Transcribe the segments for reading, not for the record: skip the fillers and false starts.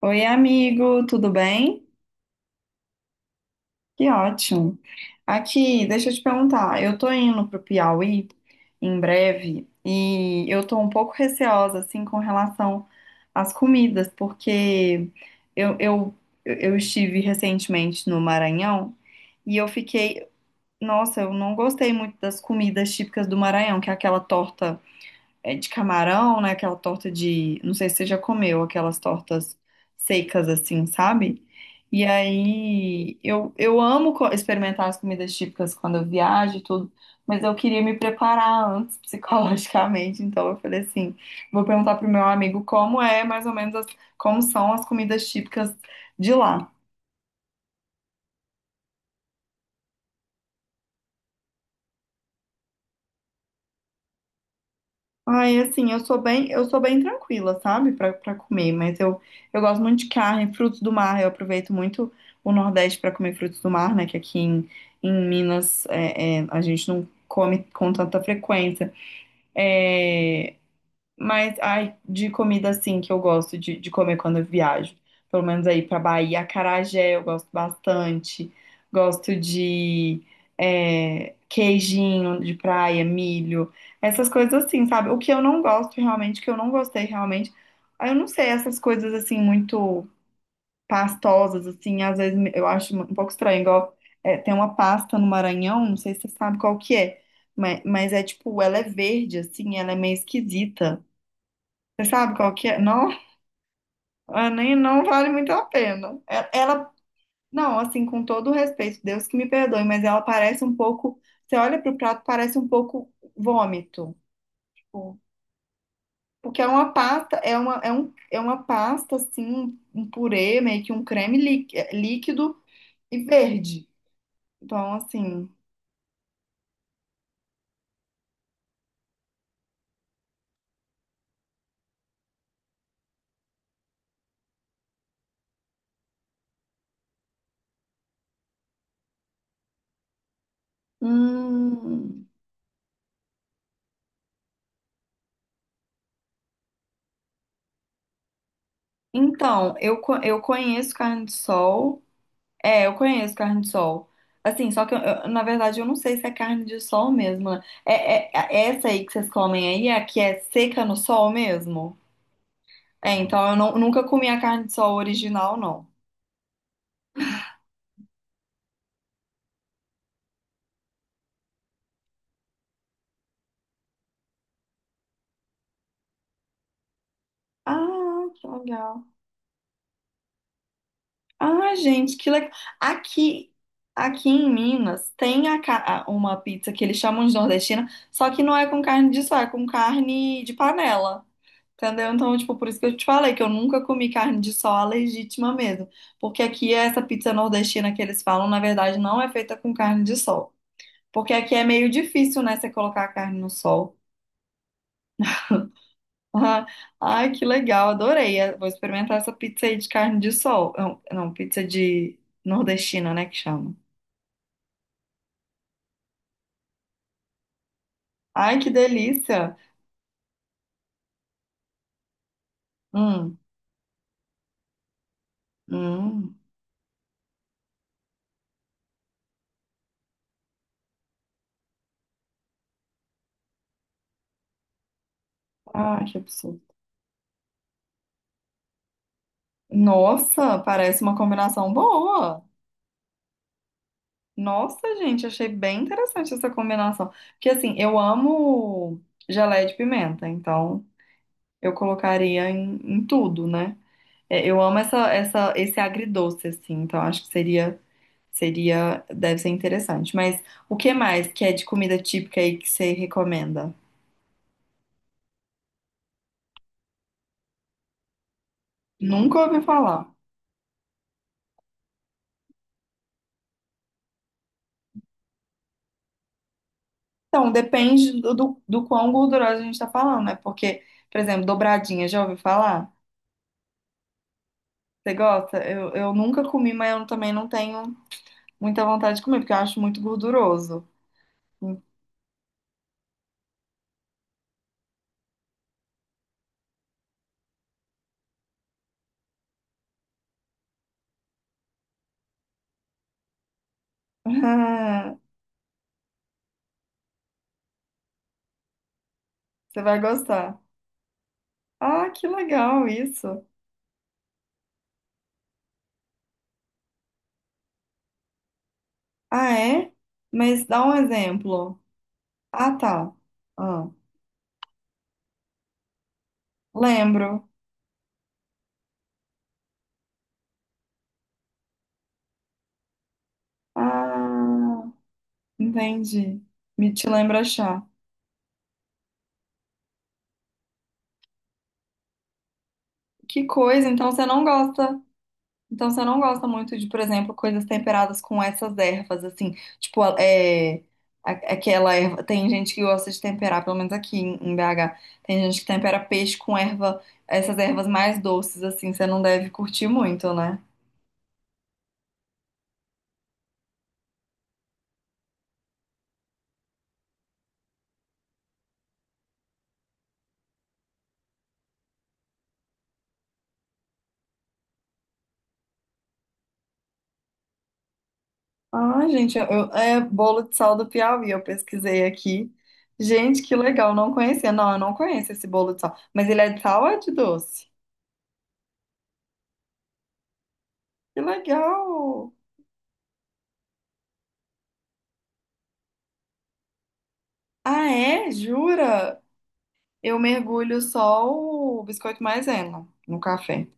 Oi, amigo, tudo bem? Que ótimo. Aqui, deixa eu te perguntar, eu tô indo pro Piauí em breve e eu tô um pouco receosa, assim, com relação às comidas, porque eu, eu, eu estive recentemente no Maranhão e eu fiquei, nossa, eu não gostei muito das comidas típicas do Maranhão, que é aquela torta. É de camarão, né? Aquela torta de. Não sei se você já comeu aquelas tortas secas assim, sabe? E aí eu amo experimentar as comidas típicas quando eu viajo e tudo, mas eu queria me preparar antes psicologicamente, então eu falei assim, vou perguntar pro meu amigo como é mais ou menos como são as comidas típicas de lá. Ai, assim, eu sou bem tranquila, sabe, pra para comer, mas eu gosto muito de carne, frutos do mar, eu aproveito muito o Nordeste pra comer frutos do mar, né, que em Minas a gente não come com tanta frequência. É, mas, ai, de comida assim que eu gosto de comer quando eu viajo. Pelo menos aí pra Bahia, acarajé eu gosto bastante. Gosto de queijinho de praia, milho, essas coisas assim, sabe? O que eu não gosto realmente, o que eu não gostei realmente, ah, eu não sei, essas coisas assim muito pastosas, assim, às vezes eu acho um pouco estranho. Igual é, tem uma pasta no Maranhão, não sei se você sabe qual que é, mas é tipo, ela é verde, assim, ela é meio esquisita. Você sabe qual que é? Não, ah, nem não vale muito a pena. Ela, não, assim, com todo o respeito, Deus que me perdoe, mas ela parece um pouco, você olha pro prato, parece um pouco vômito. Tipo, porque é uma pasta, é uma, é um, é uma pasta, assim, um purê, meio que um creme líquido e verde. Então, assim, hum, então, eu, eu conheço carne de sol. É, eu conheço carne de sol. Assim, só que na verdade eu não sei se é carne de sol mesmo, né? É essa aí que vocês comem aí é a que é seca no sol mesmo? É, então eu nunca comi a carne de sol original, não. Ah, que legal. Ah, gente, que legal. Aqui, aqui em Minas tem uma pizza que eles chamam de nordestina, só que não é com carne de sol, é com carne de panela. Entendeu? Então, tipo, por isso que eu te falei que eu nunca comi carne de sol a legítima mesmo. Porque aqui essa pizza nordestina que eles falam, na verdade, não é feita com carne de sol. Porque aqui é meio difícil, né, você colocar a carne no sol. Ai, que legal, adorei. Vou experimentar essa pizza aí de carne de sol. Não, não, pizza de nordestina, né, que chama. Ai, que delícia. Hum, hum. Ai, que absurdo. Nossa, parece uma combinação boa. Nossa, gente, achei bem interessante essa combinação. Porque assim, eu amo geleia de pimenta, então eu colocaria em tudo, né? É, eu amo essa, esse agridoce, assim, então acho que seria, deve ser interessante. Mas o que mais que é de comida típica aí que você recomenda? Nunca ouvi falar. Então, depende do quão gordurosa a gente tá falando, né? Porque, por exemplo, dobradinha, já ouviu falar? Você gosta? Eu nunca comi, mas eu também não tenho muita vontade de comer, porque eu acho muito gorduroso. Hum. Você vai gostar. Ah, que legal isso. Ah, é? Mas dá um exemplo. Ah, tá. Ah, lembro. Ah, entendi. Me te lembra chá. Que coisa, então você não gosta. Então você não gosta muito de, por exemplo, coisas temperadas com essas ervas, assim, tipo, é, aquela erva. Tem gente que gosta de temperar, pelo menos em BH, tem gente que tempera peixe com erva, essas ervas mais doces, assim, você não deve curtir muito, né? Ah, gente, é bolo de sal do Piauí, eu pesquisei aqui. Gente, que legal, não conhecia. Não, eu não conheço esse bolo de sal. Mas ele é de sal ou é de doce? Que legal! Ah, é? Jura? Eu mergulho só o biscoito maisena no café.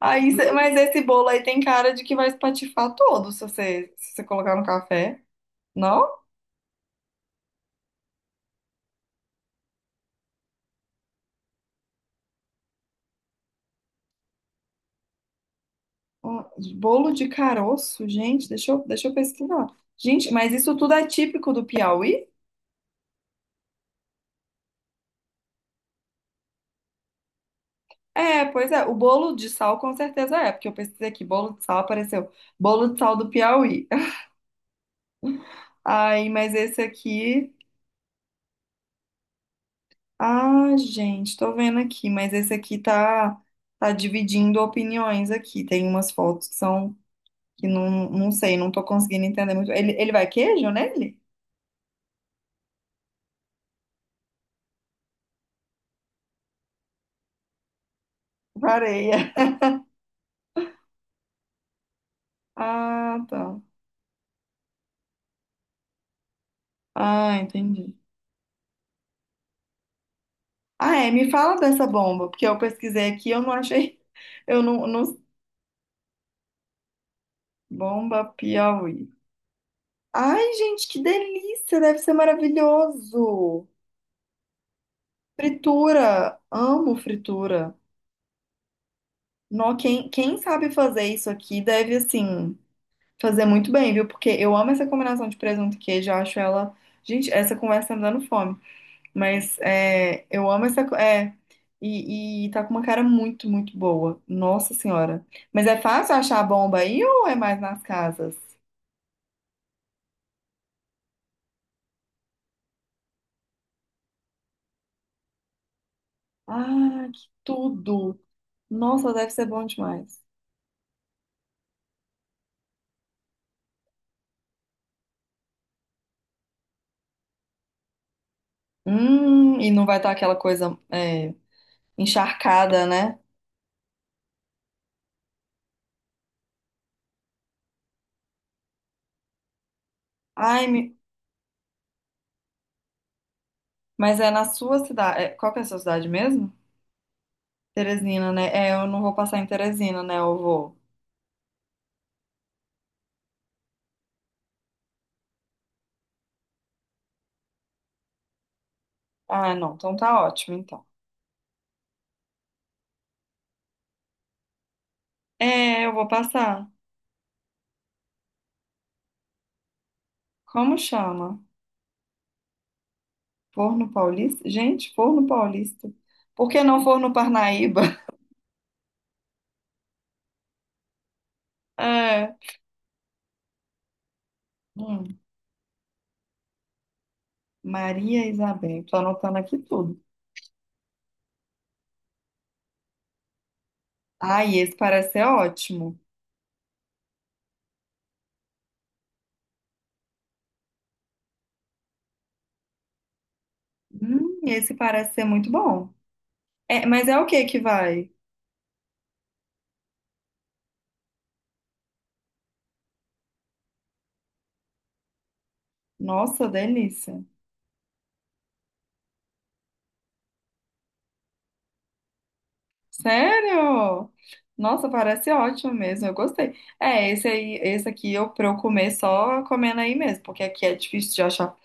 Aí, mas esse bolo aí tem cara de que vai espatifar todo se você, se você colocar no café. Não? Um bolo de caroço, gente, deixa eu pesquisar. Gente, mas isso tudo é típico do Piauí? É, pois é. O bolo de sal com certeza é, porque eu pesquisei aqui, bolo de sal apareceu. Bolo de sal do Piauí. Aí, mas esse aqui. Ah, gente, tô vendo aqui, mas esse tá dividindo opiniões aqui. Tem umas fotos que são, que não, não sei, não tô conseguindo entender muito. Ele vai queijo nele? Areia. Ah, tá. Ah, entendi. Ah, é, me fala dessa bomba, porque eu pesquisei aqui, eu não achei, eu não, não... Bomba Piauí. Ai, gente, que delícia, deve ser maravilhoso. Fritura, amo fritura. Nó, quem, quem sabe fazer isso aqui deve, assim... Fazer muito bem, viu? Porque eu amo essa combinação de presunto e queijo, eu acho ela. Gente, essa conversa tá me dando fome. Mas é, eu amo essa. É, e tá com uma cara muito, muito boa. Nossa Senhora. Mas é fácil achar a bomba aí ou é mais nas casas? Ah, que tudo! Nossa, deve ser bom demais. E não vai estar aquela coisa é, encharcada, né? Ai, mas é na sua cidade. Qual que é a sua cidade mesmo? Teresina, né? É, eu não vou passar em Teresina, né? Eu vou. Ah, não, então tá ótimo, então. É, eu vou passar. Como chama? Forno Paulista? Gente, Forno Paulista. Por que não Forno Parnaíba? É. Hum, Maria Isabel. Tô anotando aqui tudo. Ai, esse parece ser ótimo. Esse parece ser muito bom. É, mas é o que que vai? Nossa, delícia. Sério? Nossa, parece ótimo mesmo. Eu gostei. É, esse aí, esse aqui eu pra eu comer só comendo aí mesmo, porque aqui é difícil de achar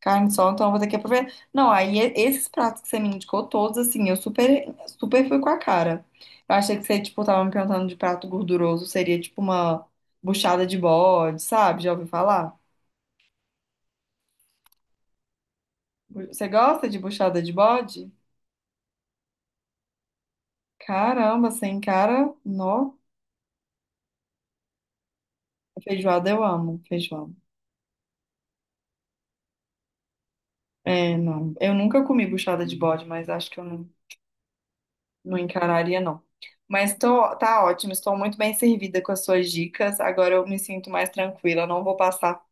carne sol, então eu vou ter que aproveitar. Não, aí esses pratos que você me indicou todos, assim, eu super, super fui com a cara. Eu achei que você, tipo, tava me perguntando de prato gorduroso, seria tipo uma buchada de bode, sabe? Já ouviu falar? Você gosta de buchada de bode? Caramba, sem cara, nó. Feijoada eu amo, feijoada. É, não. Eu nunca comi buchada de bode, mas acho que eu não, não encararia, não. Mas tô, tá ótimo, estou muito bem servida com as suas dicas. Agora eu me sinto mais tranquila, não vou passar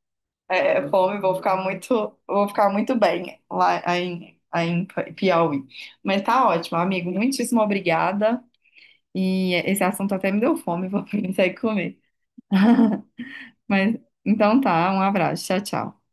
é fome, vou ficar muito bem lá em, aí em Piauí. Mas tá ótimo, amigo. Muitíssimo obrigada. E esse assunto até me deu fome, vou sair comer. Mas então tá, um abraço. Tchau, tchau.